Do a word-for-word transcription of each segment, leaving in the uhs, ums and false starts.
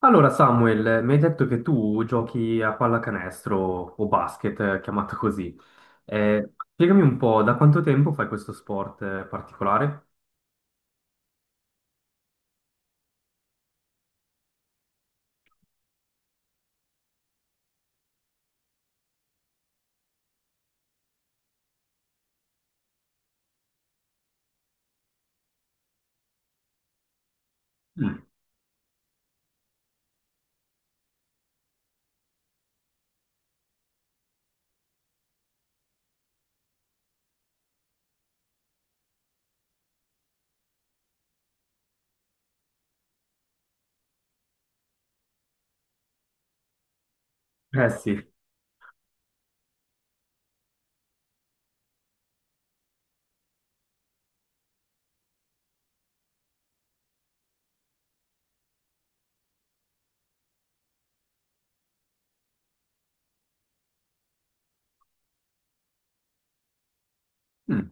Allora, Samuel, mi hai detto che tu giochi a pallacanestro o basket, eh, chiamato così. Eh, spiegami un po', da quanto tempo fai questo sport eh, particolare? Mm. Eh sì. Mm.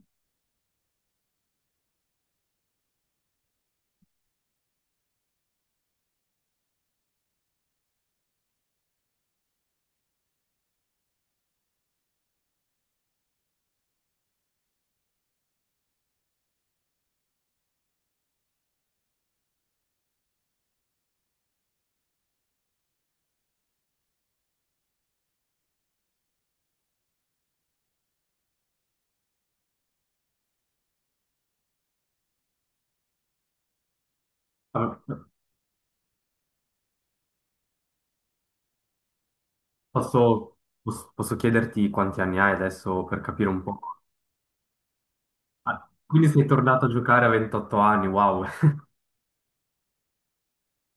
Ah, Posso, posso- posso chiederti quanti anni hai adesso per capire un po'? Ah, quindi sei tornato a giocare a ventotto anni, wow.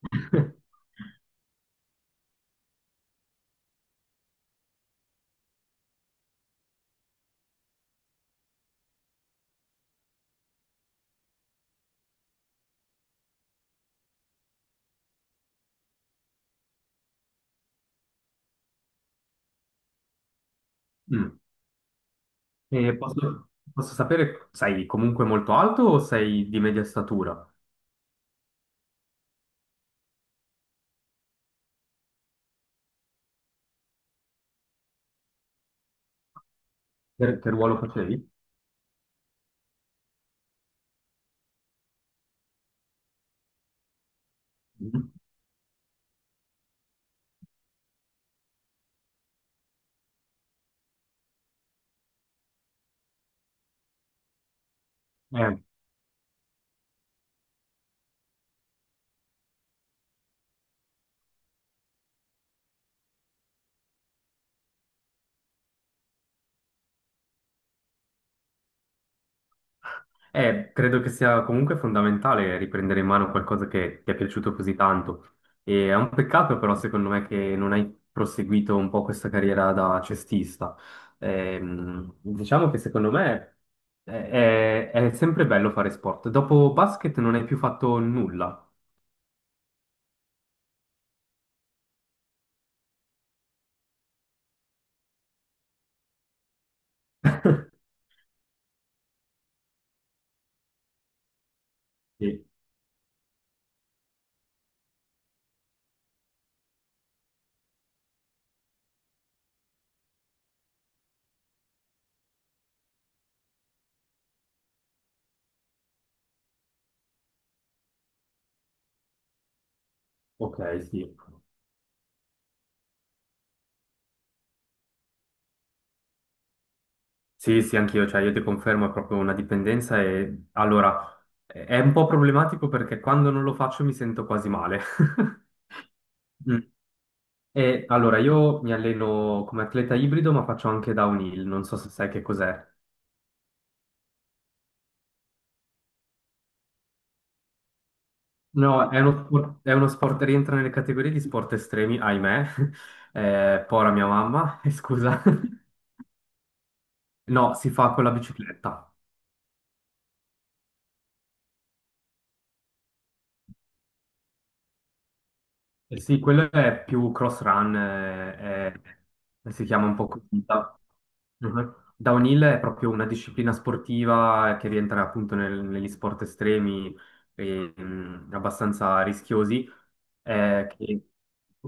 Mm. E posso, posso sapere, sei comunque molto alto o sei di media statura? Che, che ruolo facevi? Mm. Eh, credo che sia comunque fondamentale riprendere in mano qualcosa che ti è piaciuto così tanto. E è un peccato però, secondo me, che non hai proseguito un po' questa carriera da cestista. Ehm, diciamo che secondo me è, è- è sempre bello fare sport. Dopo basket non hai più fatto nulla. Sì, ok, sì. Sì, sì, anch'io, cioè io ti confermo, è proprio una dipendenza e allora è un po' problematico perché quando non lo faccio mi sento quasi male. E allora, io mi alleno come atleta ibrido, ma faccio anche downhill, non so se sai che cos'è. No, è uno sport, è uno sport- rientra nelle categorie di sport estremi, ahimè. Eh, pora mia mamma, scusa. No, si fa con la bicicletta. Eh sì, quello è più cross run, eh, eh, si chiama un po' così, no? Mhm. Downhill è proprio una disciplina sportiva che rientra appunto nel- negli sport estremi e, mm, abbastanza rischiosi. Eh, che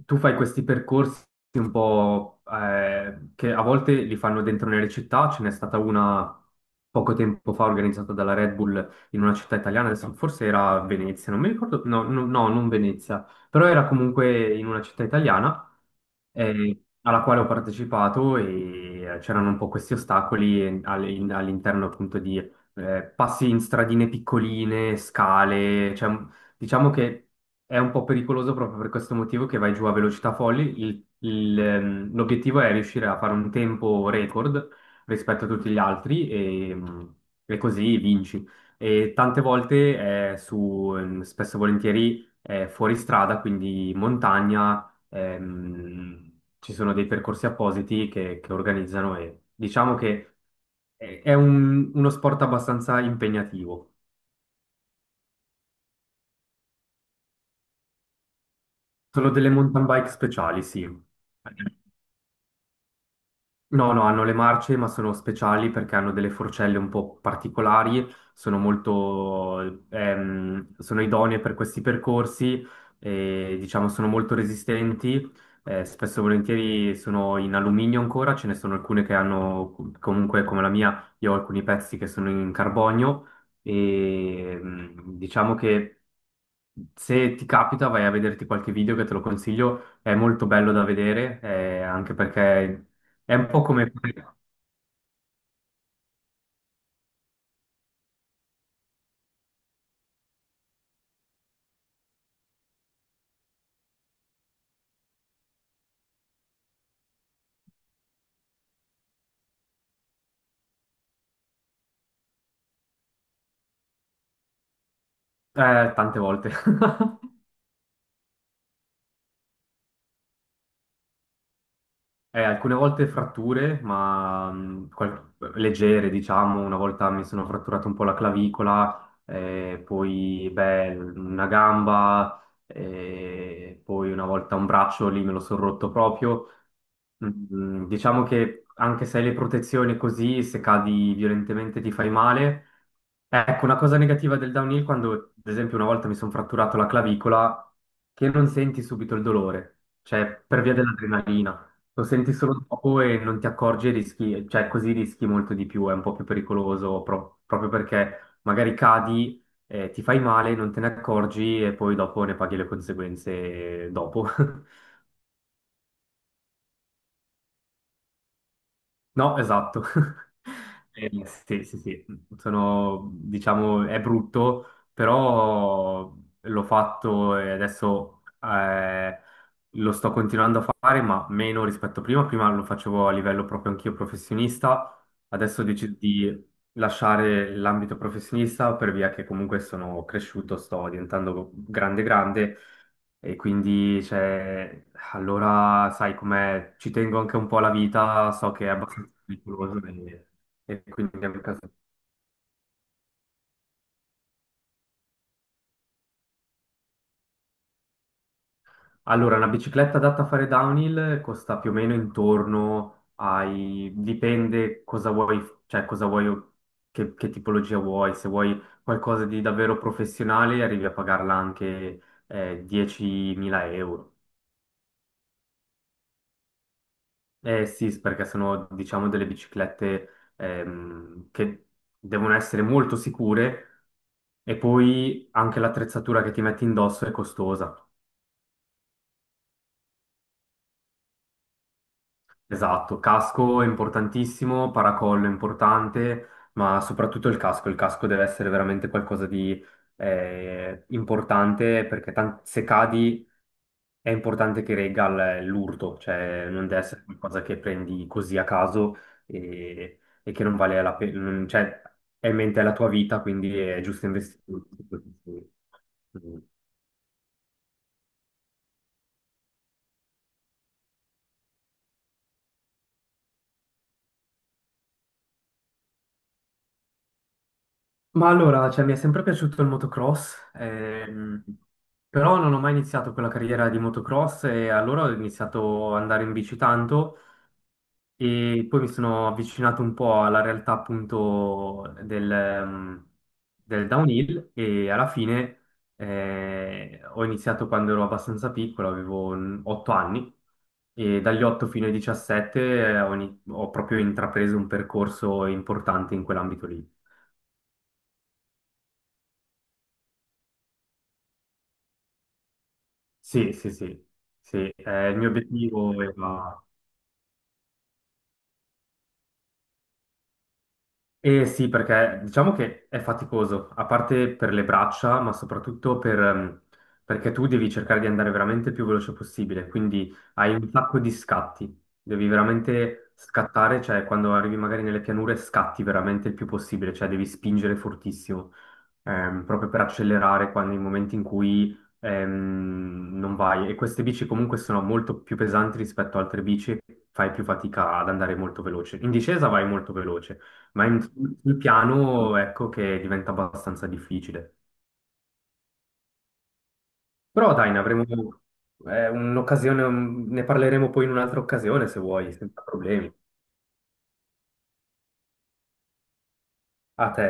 tu fai questi percorsi un po', eh, che a volte li fanno dentro nelle città, ce n'è stata una poco tempo fa organizzata dalla Red Bull in una città italiana, adesso forse era Venezia, non mi ricordo, no, no, no, non Venezia, però era comunque in una città italiana eh, alla quale ho partecipato, e c'erano un po' questi ostacoli all- all'interno appunto di, eh, passi in stradine piccoline, scale, cioè un- diciamo che è un po' pericoloso proprio per questo motivo, che vai giù a velocità folli. Il- il, ehm, l'obiettivo è riuscire a fare un tempo record rispetto a tutti gli altri e, mm, e così vinci. E tante volte è su, ehm, spesso e volentieri eh, fuoristrada, quindi montagna, ehm, ci sono dei percorsi appositi che, che organizzano, e diciamo che è è un- uno sport abbastanza impegnativo. Sono delle mountain bike speciali, sì. No, no, hanno le marce, ma sono speciali perché hanno delle forcelle un po' particolari, sono molto, ehm, sono idonee per questi percorsi e diciamo sono molto resistenti. Eh, spesso e volentieri sono in alluminio ancora, ce ne sono alcune che hanno, comunque come la mia, io ho alcuni pezzi che sono in carbonio e, mm, diciamo che se ti capita, vai a vederti qualche video, che te lo consiglio, è molto bello da vedere, eh, anche perché è un po' come... eh, tante volte. Eh, alcune volte fratture, ma mh, qual- leggere, diciamo, una volta mi sono fratturato un po' la clavicola, eh, poi beh, una gamba, eh, poi una volta un braccio lì me lo sono rotto proprio. Mm. Diciamo che anche se hai le protezioni, così, se cadi violentemente ti fai male. Ecco, una cosa negativa del downhill, quando ad esempio una volta mi sono fratturato la clavicola, che non senti subito il dolore, cioè per via dell'adrenalina. Lo senti solo dopo e non ti accorgi e rischi, cioè così rischi molto di più, è un po' più pericoloso pro- proprio perché magari cadi, eh, ti fai male, non te ne accorgi e poi dopo ne paghi le conseguenze dopo. No, esatto. Eh, sì, sì, sì, sono, diciamo, è brutto, però l'ho fatto e adesso, eh, lo sto continuando a fare, ma meno rispetto a prima. Prima lo facevo a livello proprio anch'io professionista, adesso ho deciso di lasciare l'ambito professionista per via che comunque sono cresciuto, sto diventando grande grande, e quindi, cioè, allora sai com'è, ci tengo anche un po' alla vita, so che è abbastanza pericoloso, e, e quindi è un casino. Allora, una bicicletta adatta a fare downhill costa più o meno intorno ai... dipende cosa vuoi, cioè cosa vuoi, che, che tipologia vuoi. Se vuoi qualcosa di davvero professionale arrivi a pagarla anche, eh, diecimila euro. Eh sì, s- perché sono, diciamo, delle biciclette, ehm, che devono essere molto sicure, e poi anche l'attrezzatura che ti metti indosso è costosa. Esatto, casco è importantissimo, paracollo è importante, ma soprattutto il casco. Il casco deve essere veramente qualcosa di, eh, importante, perché tan- se cadi è importante che regga l- l'urto, cioè non deve essere qualcosa che prendi così a caso e, e che non vale la pena, cioè è in mente la tua vita, quindi è giusto investire. Mm. Ma allora, cioè, mi è sempre piaciuto il motocross, ehm, però non ho mai iniziato quella carriera di motocross, e allora ho iniziato ad andare in bici tanto. E poi mi sono avvicinato un po' alla realtà appunto del, ehm, del downhill, e alla fine, eh, ho iniziato quando ero abbastanza piccolo, avevo otto anni, e dagli otto fino ai diciassette, eh, ho, ini- ho proprio intrapreso un percorso importante in quell'ambito lì. Sì, sì, sì, sì. Eh, il mio obiettivo era... Eh sì, perché diciamo che è faticoso, a parte per le braccia, ma soprattutto per, ehm, perché tu devi cercare di andare veramente il più veloce possibile, quindi hai un sacco di scatti, devi veramente scattare, cioè quando arrivi magari nelle pianure scatti veramente il più possibile, cioè devi spingere fortissimo, ehm, proprio per accelerare quando, nei momenti in cui, ehm, non vai. E queste bici comunque sono molto più pesanti rispetto a altre bici, fai più fatica ad andare molto veloce. In discesa vai molto veloce, ma in- sul piano ecco che diventa abbastanza difficile. Però dai, ne avremo, eh, un'occasione, un- ne parleremo poi in un'altra occasione se vuoi, senza problemi. A te.